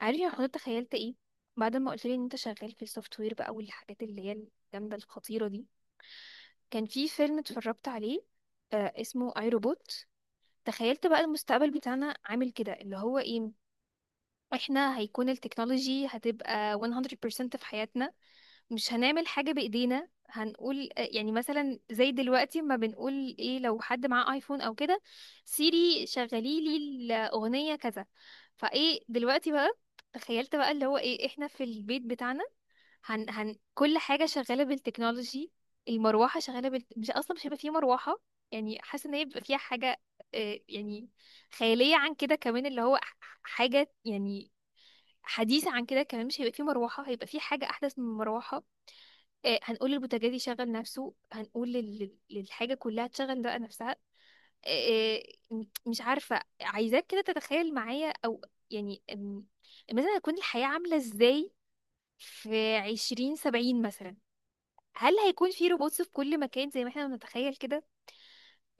عارف يا حضرتك تخيلت ايه بعد ما قلت لي ان انت شغال في السوفت وير بقى والحاجات اللي هي الجامده الخطيره دي. كان في فيلم اتفرجت عليه، اسمه اي روبوت. تخيلت بقى المستقبل بتاعنا عامل كده، اللي هو ايه، احنا هيكون التكنولوجي هتبقى 100% في حياتنا، مش هنعمل حاجة بإيدينا. هنقول يعني مثلا زي دلوقتي ما بنقول ايه لو حد معاه ايفون او كده، سيري شغلي لي الأغنية كذا. فايه دلوقتي بقى، تخيلت بقى اللي هو ايه، احنا في البيت بتاعنا هن هن كل حاجة شغالة بالتكنولوجي، المروحة شغالة بال، مش أصلا مش هيبقى فيه مروحة. يعني حاسة إن هي بيبقى فيها حاجة، يعني خيالية عن كده كمان، اللي هو حاجة يعني حديثة عن كده كمان، مش هيبقى فيه مروحة، هيبقى فيه حاجة أحدث من المروحة. هنقول للبوتاجاز يشغل نفسه، هنقول للحاجة كلها تشغل بقى نفسها. آه، آه، م- مش عارفة، عايزاك كده تتخيل معايا أو يعني، مثلا هتكون الحياة عاملة إزاي في 2070 مثلا؟ هل هيكون في روبوتس في كل مكان زي ما احنا بنتخيل كده؟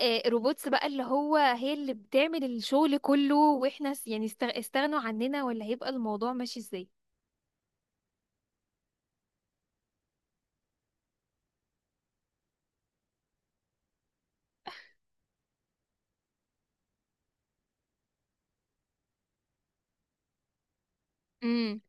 آه روبوتس بقى اللي هو هي اللي بتعمل الشغل كله، واحنا يعني استغنوا عننا، ولا هيبقى الموضوع ماشي ازاي؟ امم.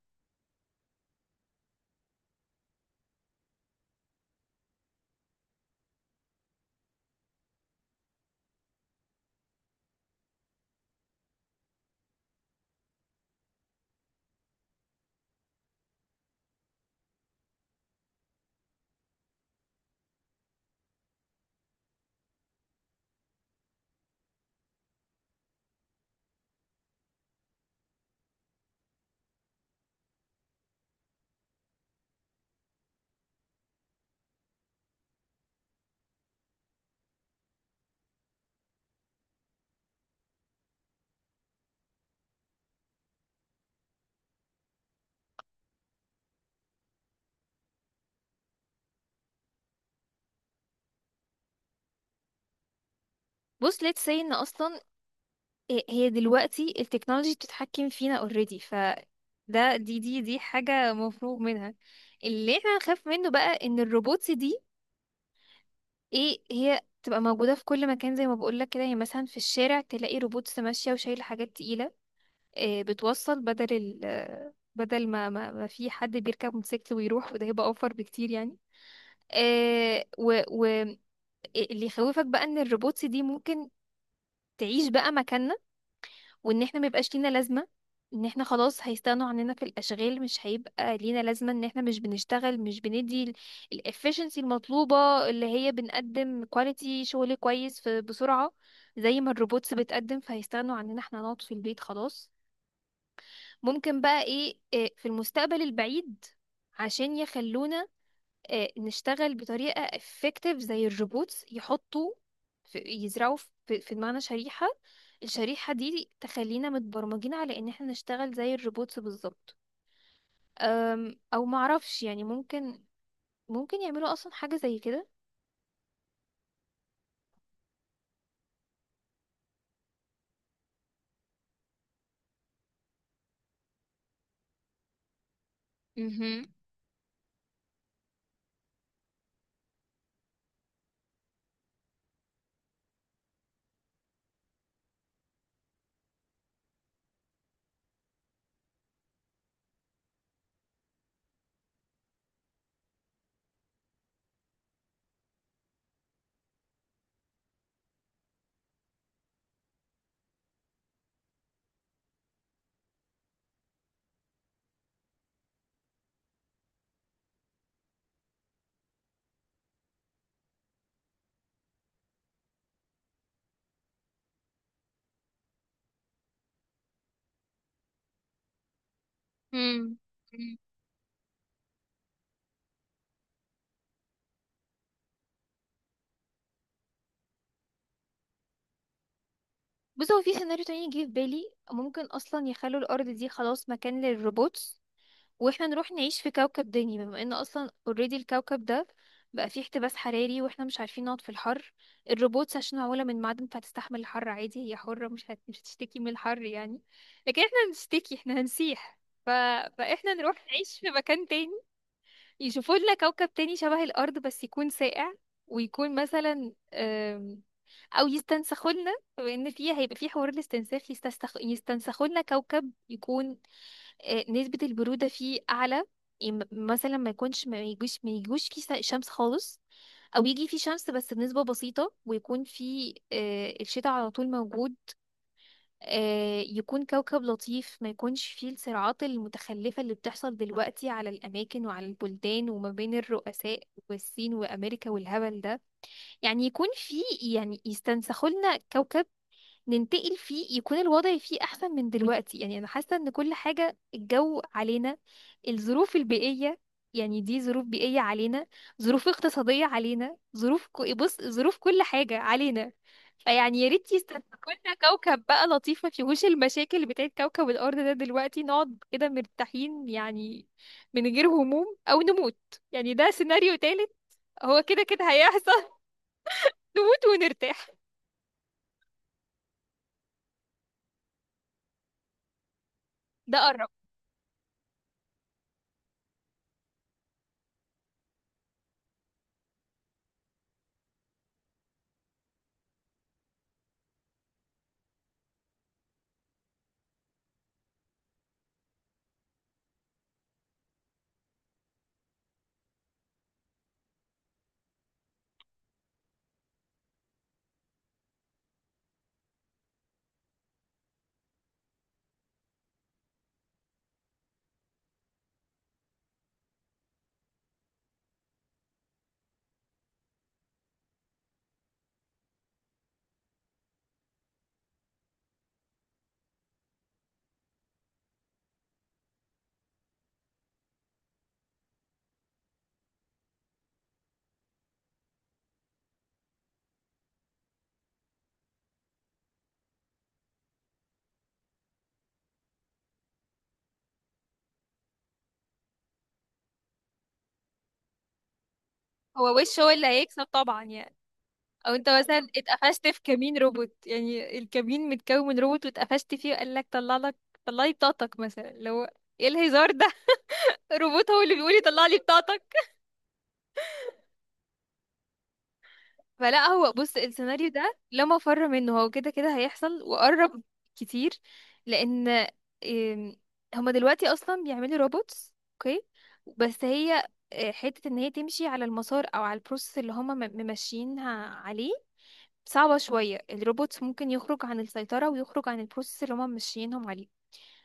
بص let's say ان اصلا هي دلوقتي التكنولوجي بتتحكم فينا already، ف ده دي دي دي حاجة مفروغ منها. اللي احنا نخاف منه بقى ان الروبوتس دي ايه، هي تبقى موجودة في كل مكان زي ما بقولك كده، يعني مثلا في الشارع تلاقي روبوتس ماشية وشايلة حاجات تقيلة، بتوصل بدل ال، بدل ما في حد بيركب موتوسيكل ويروح، وده هيبقى اوفر بكتير يعني. آه و, و آه، اللي يخوفك بقى ان الروبوتس دي ممكن تعيش بقى مكاننا، وان احنا ميبقاش لينا لازمة، ان احنا خلاص هيستغنوا عننا في الاشغال. مش هيبقى لينا لازمة ان احنا مش بنشتغل، مش بندي الافشنسي المطلوبة، اللي هي بنقدم كواليتي شغل كويس في بسرعة زي ما الروبوتس بتقدم، فهيستغنوا عننا، احنا نقعد في البيت خلاص. ممكن بقى ايه، إيه، في المستقبل البعيد عشان يخلونا نشتغل بطريقة effective زي الروبوتس، يحطوا في، يزرعوا في في دماغنا شريحة، الشريحة دي تخلينا متبرمجين على ان احنا نشتغل زي الروبوتس بالظبط. او معرفش يعني، ممكن ممكن يعملوا اصلا حاجة زي كده. مهم. مم. مم. بص هو في سيناريو تاني جه في بالي، ممكن اصلا يخلوا الارض دي خلاص مكان للروبوتس، واحنا نروح نعيش في كوكب تاني، بما ان اصلا اوريدي الكوكب ده بقى فيه احتباس حراري، واحنا مش عارفين نقعد في الحر. الروبوتس عشان معمولة من معدن فهتستحمل الحر عادي، هي حرة مش هت، مش هتشتكي من الحر يعني، لكن احنا هنشتكي، احنا هنسيح. ف، فاحنا نروح نعيش في مكان تاني، يشوفوا لنا كوكب تاني شبه الارض بس يكون ساقع، ويكون مثلا او يستنسخوا لنا، بما ان فيه هيبقى فيه حوار الاستنساخ، يستنسخوا لنا كوكب يكون نسبة البرودة فيه أعلى، مثلا ما يكونش، ما يجوش فيه شمس خالص، أو يجي فيه شمس بس بنسبة بسيطة، ويكون فيه الشتاء على طول موجود. يكون كوكب لطيف، ما يكونش فيه الصراعات المتخلفة اللي بتحصل دلوقتي على الأماكن وعلى البلدان وما بين الرؤساء، والصين وأمريكا والهبل ده. يعني يكون فيه، يعني يستنسخوا لنا كوكب ننتقل فيه، يكون الوضع فيه احسن من دلوقتي. يعني انا حاسه ان كل حاجه الجو علينا، الظروف البيئيه، يعني دي ظروف بيئيه علينا، ظروف اقتصاديه علينا، ظروف بص ظروف كل حاجه علينا. فيعني يا ريت يستمتعوا لنا كوكب بقى لطيف ما فيهوش المشاكل بتاعت كوكب الارض ده دلوقتي، نقعد كده مرتاحين يعني، من غير هموم او نموت. يعني ده سيناريو تالت، هو كده كده هيحصل نموت ونرتاح. ده قرب. هو وش هو اللي هيكسب طبعا يعني. او انت مثلا اتقفشت في كمين روبوت، يعني الكمين متكون من روبوت واتقفشت فيه وقال لك طلع لك، طلعي بطاقتك مثلا. لو ايه الهزار ده؟ روبوت هو اللي بيقول لي طلع لي بطاقتك! فلا هو بص، السيناريو ده لا مفر منه، هو كده كده هيحصل وقرب كتير. لان إم، هما دلوقتي اصلا بيعملوا روبوتس اوكي، بس هي حتة ان هي تمشي على المسار او على البروسيس اللي هما ممشيينها عليه صعبة شوية، الروبوت ممكن يخرج عن السيطرة ويخرج عن البروسيس اللي هما ماشيينهم عليه.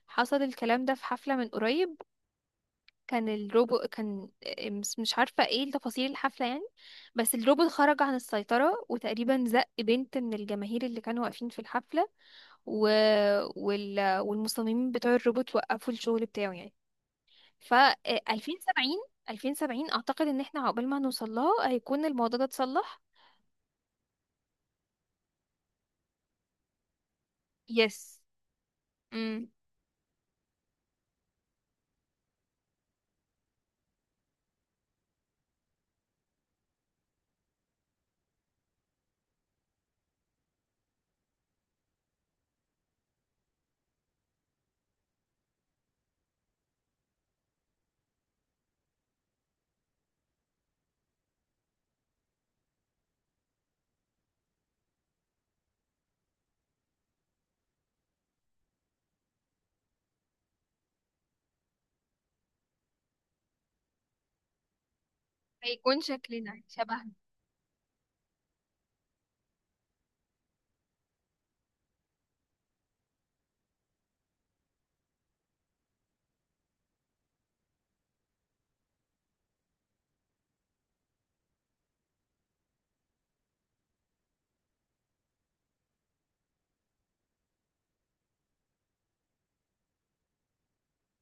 حصل الكلام ده في حفلة من قريب، كان الروبوت كان مش عارفة ايه تفاصيل الحفلة يعني، بس الروبوت خرج عن السيطرة وتقريبا زق بنت من الجماهير اللي كانوا واقفين في الحفلة، و، وال، والمصممين بتوع الروبوت وقفوا الشغل بتاعه يعني. ف 2070، أعتقد إن احنا عقبال ما نوصل لها هيكون الموضوع ده اتصلح. يس. امم. هيكون شكلنا شبه،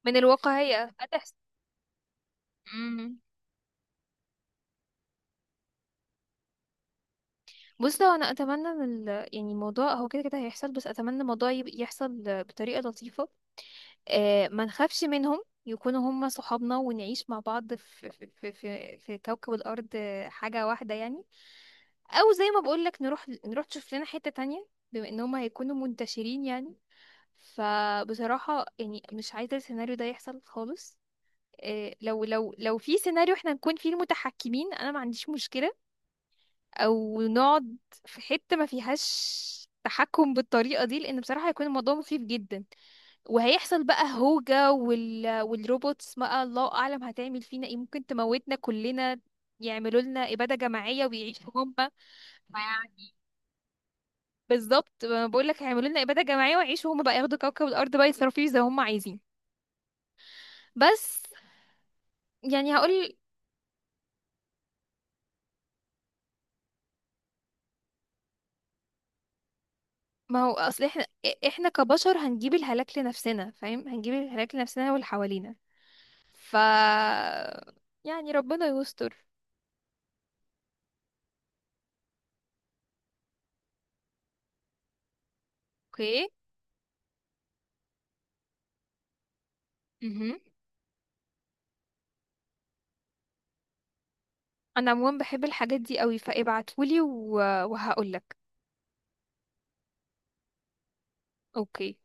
من الواقعية هتحصل. مم. بص هو انا اتمنى من ال، يعني الموضوع هو كده كده هيحصل بس اتمنى الموضوع يحصل بطريقة لطيفة، آه ما نخافش منهم، يكونوا هم صحابنا ونعيش مع بعض في في كوكب الارض حاجة واحدة يعني، او زي ما بقول لك نروح، نشوف لنا حتة تانية بما ان هم هيكونوا منتشرين يعني. فبصراحة يعني مش عايزة السيناريو ده يحصل خالص. لو في سيناريو احنا نكون فيه المتحكمين انا ما عنديش مشكلة، او نقعد في حتة ما فيهاش تحكم بالطريقة دي، لان بصراحة هيكون الموضوع مخيف جدا، وهيحصل بقى هوجة، وال، والروبوتس بقى الله اعلم هتعمل فينا ايه، ممكن تموتنا كلنا، يعملوا لنا إبادة جماعية ويعيشوا هم. فيعني بالظبط بقول لك هيعملوا لنا إبادة جماعية ويعيشوا هم بقى، ياخدوا كوكب الأرض بقى يصرفوا فيه زي هم عايزين. بس يعني هقول، ما هو اصل احنا، احنا كبشر هنجيب الهلاك لنفسنا، فاهم، هنجيب الهلاك لنفسنا واللي حوالينا. ف يعني ربنا يستر. اوكي. مهم. انا عموما بحب الحاجات دي قوي فابعتهولي و، وهقولك. اوكي.